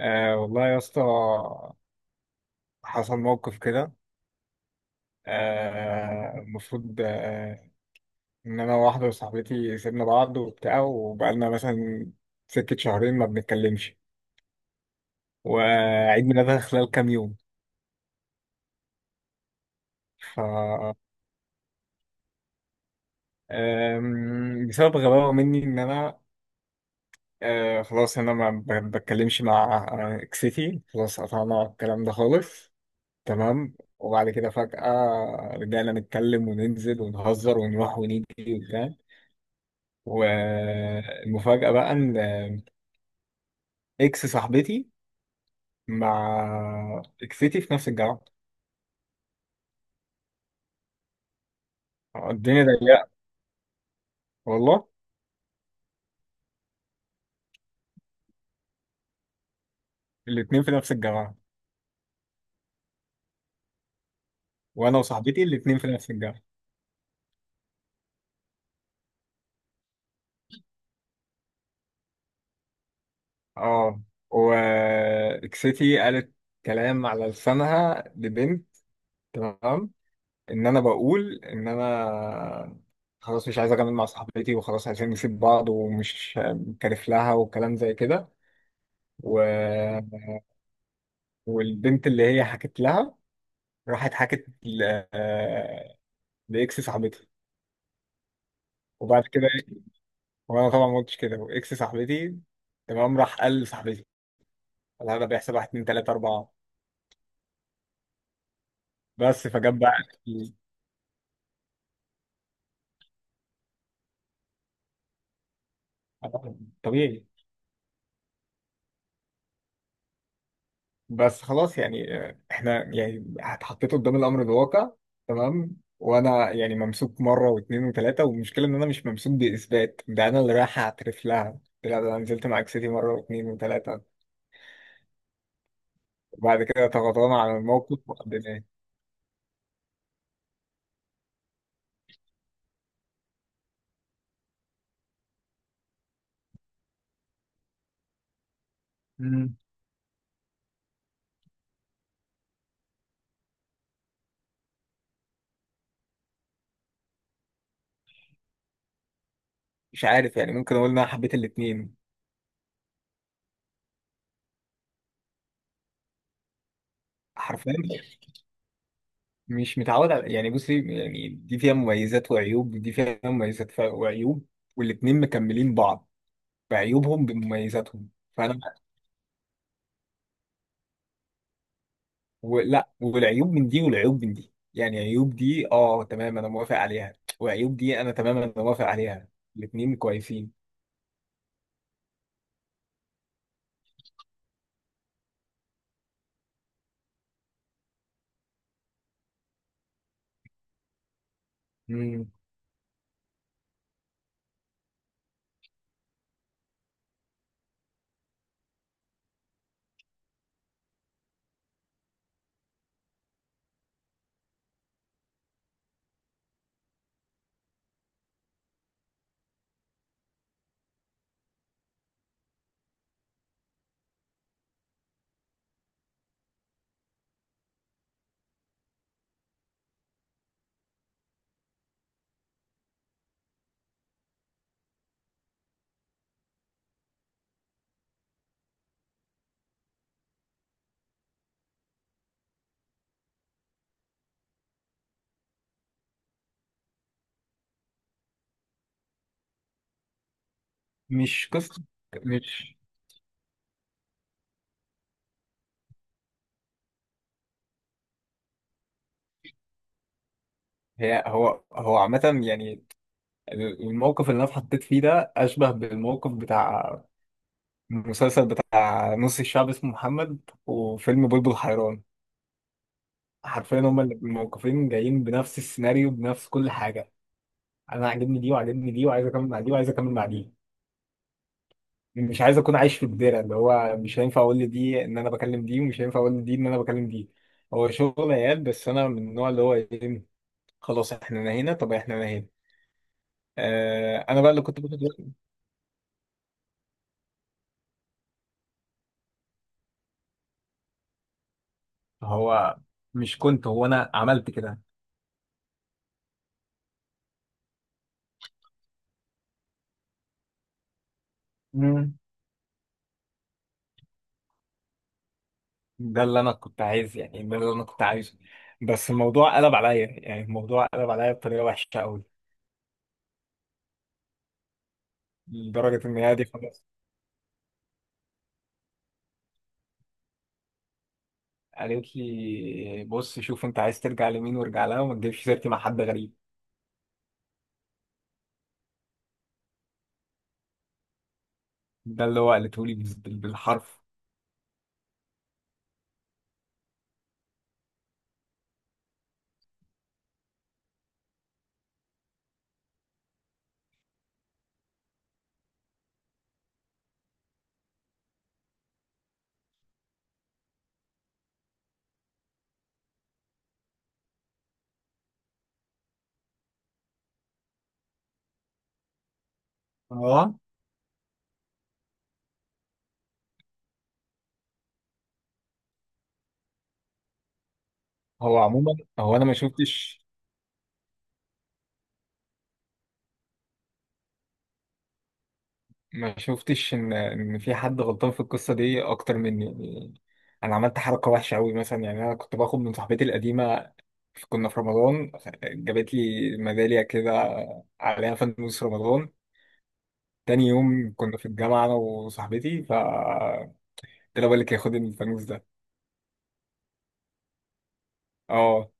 آه والله يا اسطى، حصل موقف كده. المفروض ان انا وواحده وصاحبتي سيبنا بعض وبتاع، وبقالنا مثلا سكه شهرين ما بنتكلمش، وعيد ميلادها خلال كام يوم. ف بسبب غباوه مني ان انا خلاص. انا ما بتكلمش مع اكسيتي، خلاص قطعنا الكلام ده خالص. تمام. وبعد كده فجأة رجعنا نتكلم وننزل ونهزر ونروح ونيجي وبتاع. والمفاجأة بقى إن إكس صاحبتي مع إكستي في نفس الجامعة. الدنيا ضيقة والله. الاتنين في نفس الجامعة، وأنا وصاحبتي الاتنين في نفس الجامعة. اه، وإكستي قالت كلام على لسانها لبنت، تمام، إن أنا بقول إن أنا خلاص مش عايز أكمل مع صاحبتي، وخلاص عايزين نسيب بعض، ومش كارف لها وكلام زي كده. و... والبنت اللي هي حكت لها راحت حكت ل- آه، لاكس صاحبتي. وبعد كده، وانا طبعا ما قلتش كده. واكس صاحبتي، تمام، راح قال لصاحبتي والله ده بيحصل. واحد، اتنين، تلاته، اربعه. بس فجاب بقى ال- طبيعي. بس خلاص، يعني احنا يعني اتحطيت قدام الامر الواقع، تمام. وانا يعني ممسوك مره واثنين وثلاثه، والمشكله ان انا مش ممسوك باثبات. ده انا اللي رايح اعترف لها، قلت لها ده انا نزلت مع اكستي مره واثنين وثلاثه. وبعد كده تغاضانا عن الموقف وقدمناه. مش عارف، يعني ممكن اقول ان انا حبيت الاتنين حرفيا. مش متعود على، يعني بصي، يعني دي فيها مميزات وعيوب، دي فيها مميزات وعيوب. والاتنين مكملين بعض، بعيوبهم بمميزاتهم. فانا ولا، والعيوب من دي والعيوب من دي. يعني عيوب دي اه تمام انا موافق عليها، وعيوب دي انا تمام انا موافق عليها. الاتنين كويسين. مم. مش قصة، مش هي. هو عامة، يعني الموقف اللي انا اتحطيت فيه ده اشبه بالموقف بتاع المسلسل بتاع نص الشعب اسمه محمد، وفيلم بلبل حيران. حرفيا هما اللي الموقفين جايين بنفس السيناريو، بنفس كل حاجة. أنا عاجبني دي وعاجبني دي، وعايز أكمل مع دي وعايز أكمل مع دي. مش عايز أكون عايش في الدايرة اللي هو مش هينفع أقول لدي إن أنا بكلم دي، ومش هينفع أقول لدي إن أنا بكلم دي. هو شغل عيال، بس أنا من النوع اللي هو إيه، خلاص إحنا نهينا، طب إحنا نهينا. أنا بقى اللي هو مش كنت، هو أنا عملت كده. ده اللي انا كنت عايز، يعني ده اللي انا كنت عايزه. بس الموضوع قلب عليا، يعني الموضوع قلب عليا بطريقه وحشه قوي. لدرجه ان هي دي خلاص. قالت لي بص، شوف انت عايز ترجع لمين وارجع لها، وما تجيبش سيرتي مع حد غريب. ده اللي هو قالته لي بالحرف. هو هو عموما، هو انا ما شفتش ان في حد غلطان في القصه دي اكتر مني، يعني. انا عملت حركه وحشه قوي، مثلا يعني انا كنت باخد من صاحبتي القديمه. كنا في رمضان، جابت لي ميداليه كده عليها فانوس رمضان. تاني يوم كنا في الجامعه انا وصاحبتي، قلت لها بقول لك خد الفانوس ده. اه.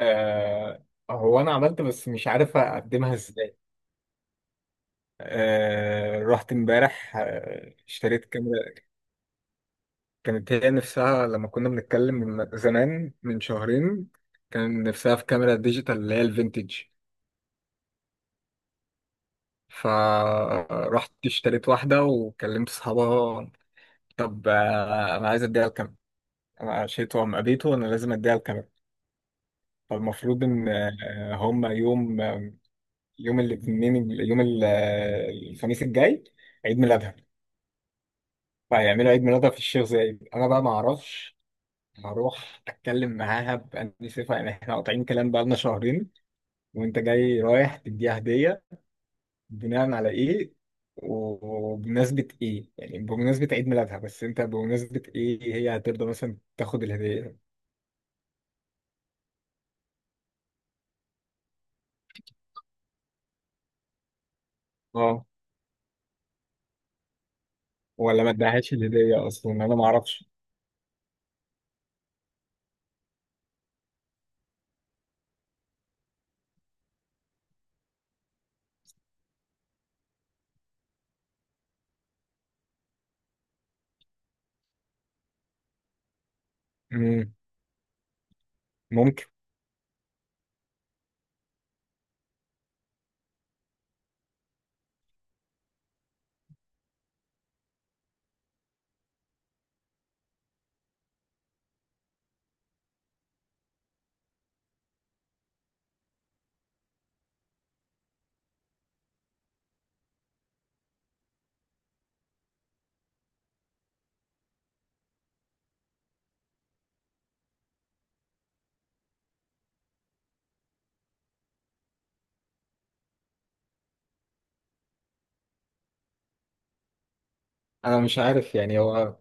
آه، هو انا عملت، بس مش عارف اقدمها ازاي. رحت امبارح اشتريت كاميرا. كانت هي نفسها لما كنا بنتكلم من زمان من شهرين، كان نفسها في كاميرا ديجيتال اللي هي الفينتج. فرحت اشتريت واحدة وكلمت صحابها. طب أنا عايز أديها الكاميرا. أنا عشيت وأم قابيته، وأنا لازم أديها الكاميرا. فالمفروض إن هما يوم آه، يوم الاثنين يوم ال- آه، الخميس الجاي عيد ميلادها. فهيعملوا عيد ميلادها في الشيخ زايد. أنا بقى معرفش. هروح اتكلم معاها باني صفه؟ يعني احنا قاطعين كلام بقالنا شهرين، وانت جاي رايح تديها هدية؟ بناء على ايه؟ وبمناسبة ايه؟ يعني بمناسبة عيد ميلادها، بس انت بمناسبة ايه؟ هي هترضى مثلا تاخد الهدية؟ اه، ولا ما ادهاش الهدية اصلا؟ انا ما اعرفش. مم، ممكن. انا مش عارف، يعني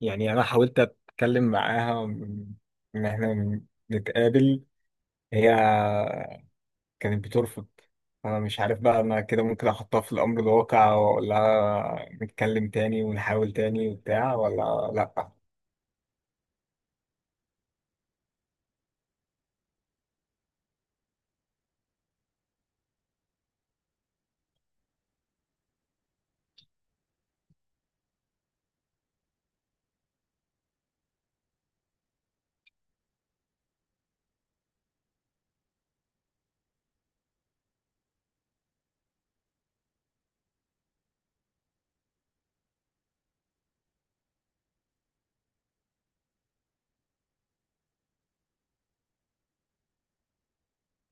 يعني انا حاولت اتكلم معاها ان احنا نتقابل، هي كانت بترفض. انا مش عارف بقى، انا كده ممكن احطها في الامر الواقع، ولا نتكلم تاني ونحاول تاني وبتاع، ولا لا؟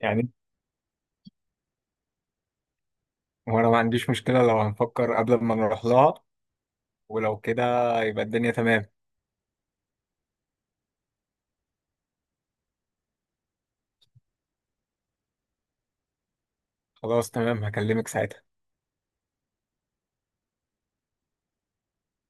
يعني وانا ما عنديش مشكلة لو هنفكر قبل ما نروح لها. ولو كده يبقى الدنيا تمام. خلاص تمام، هكلمك ساعتها.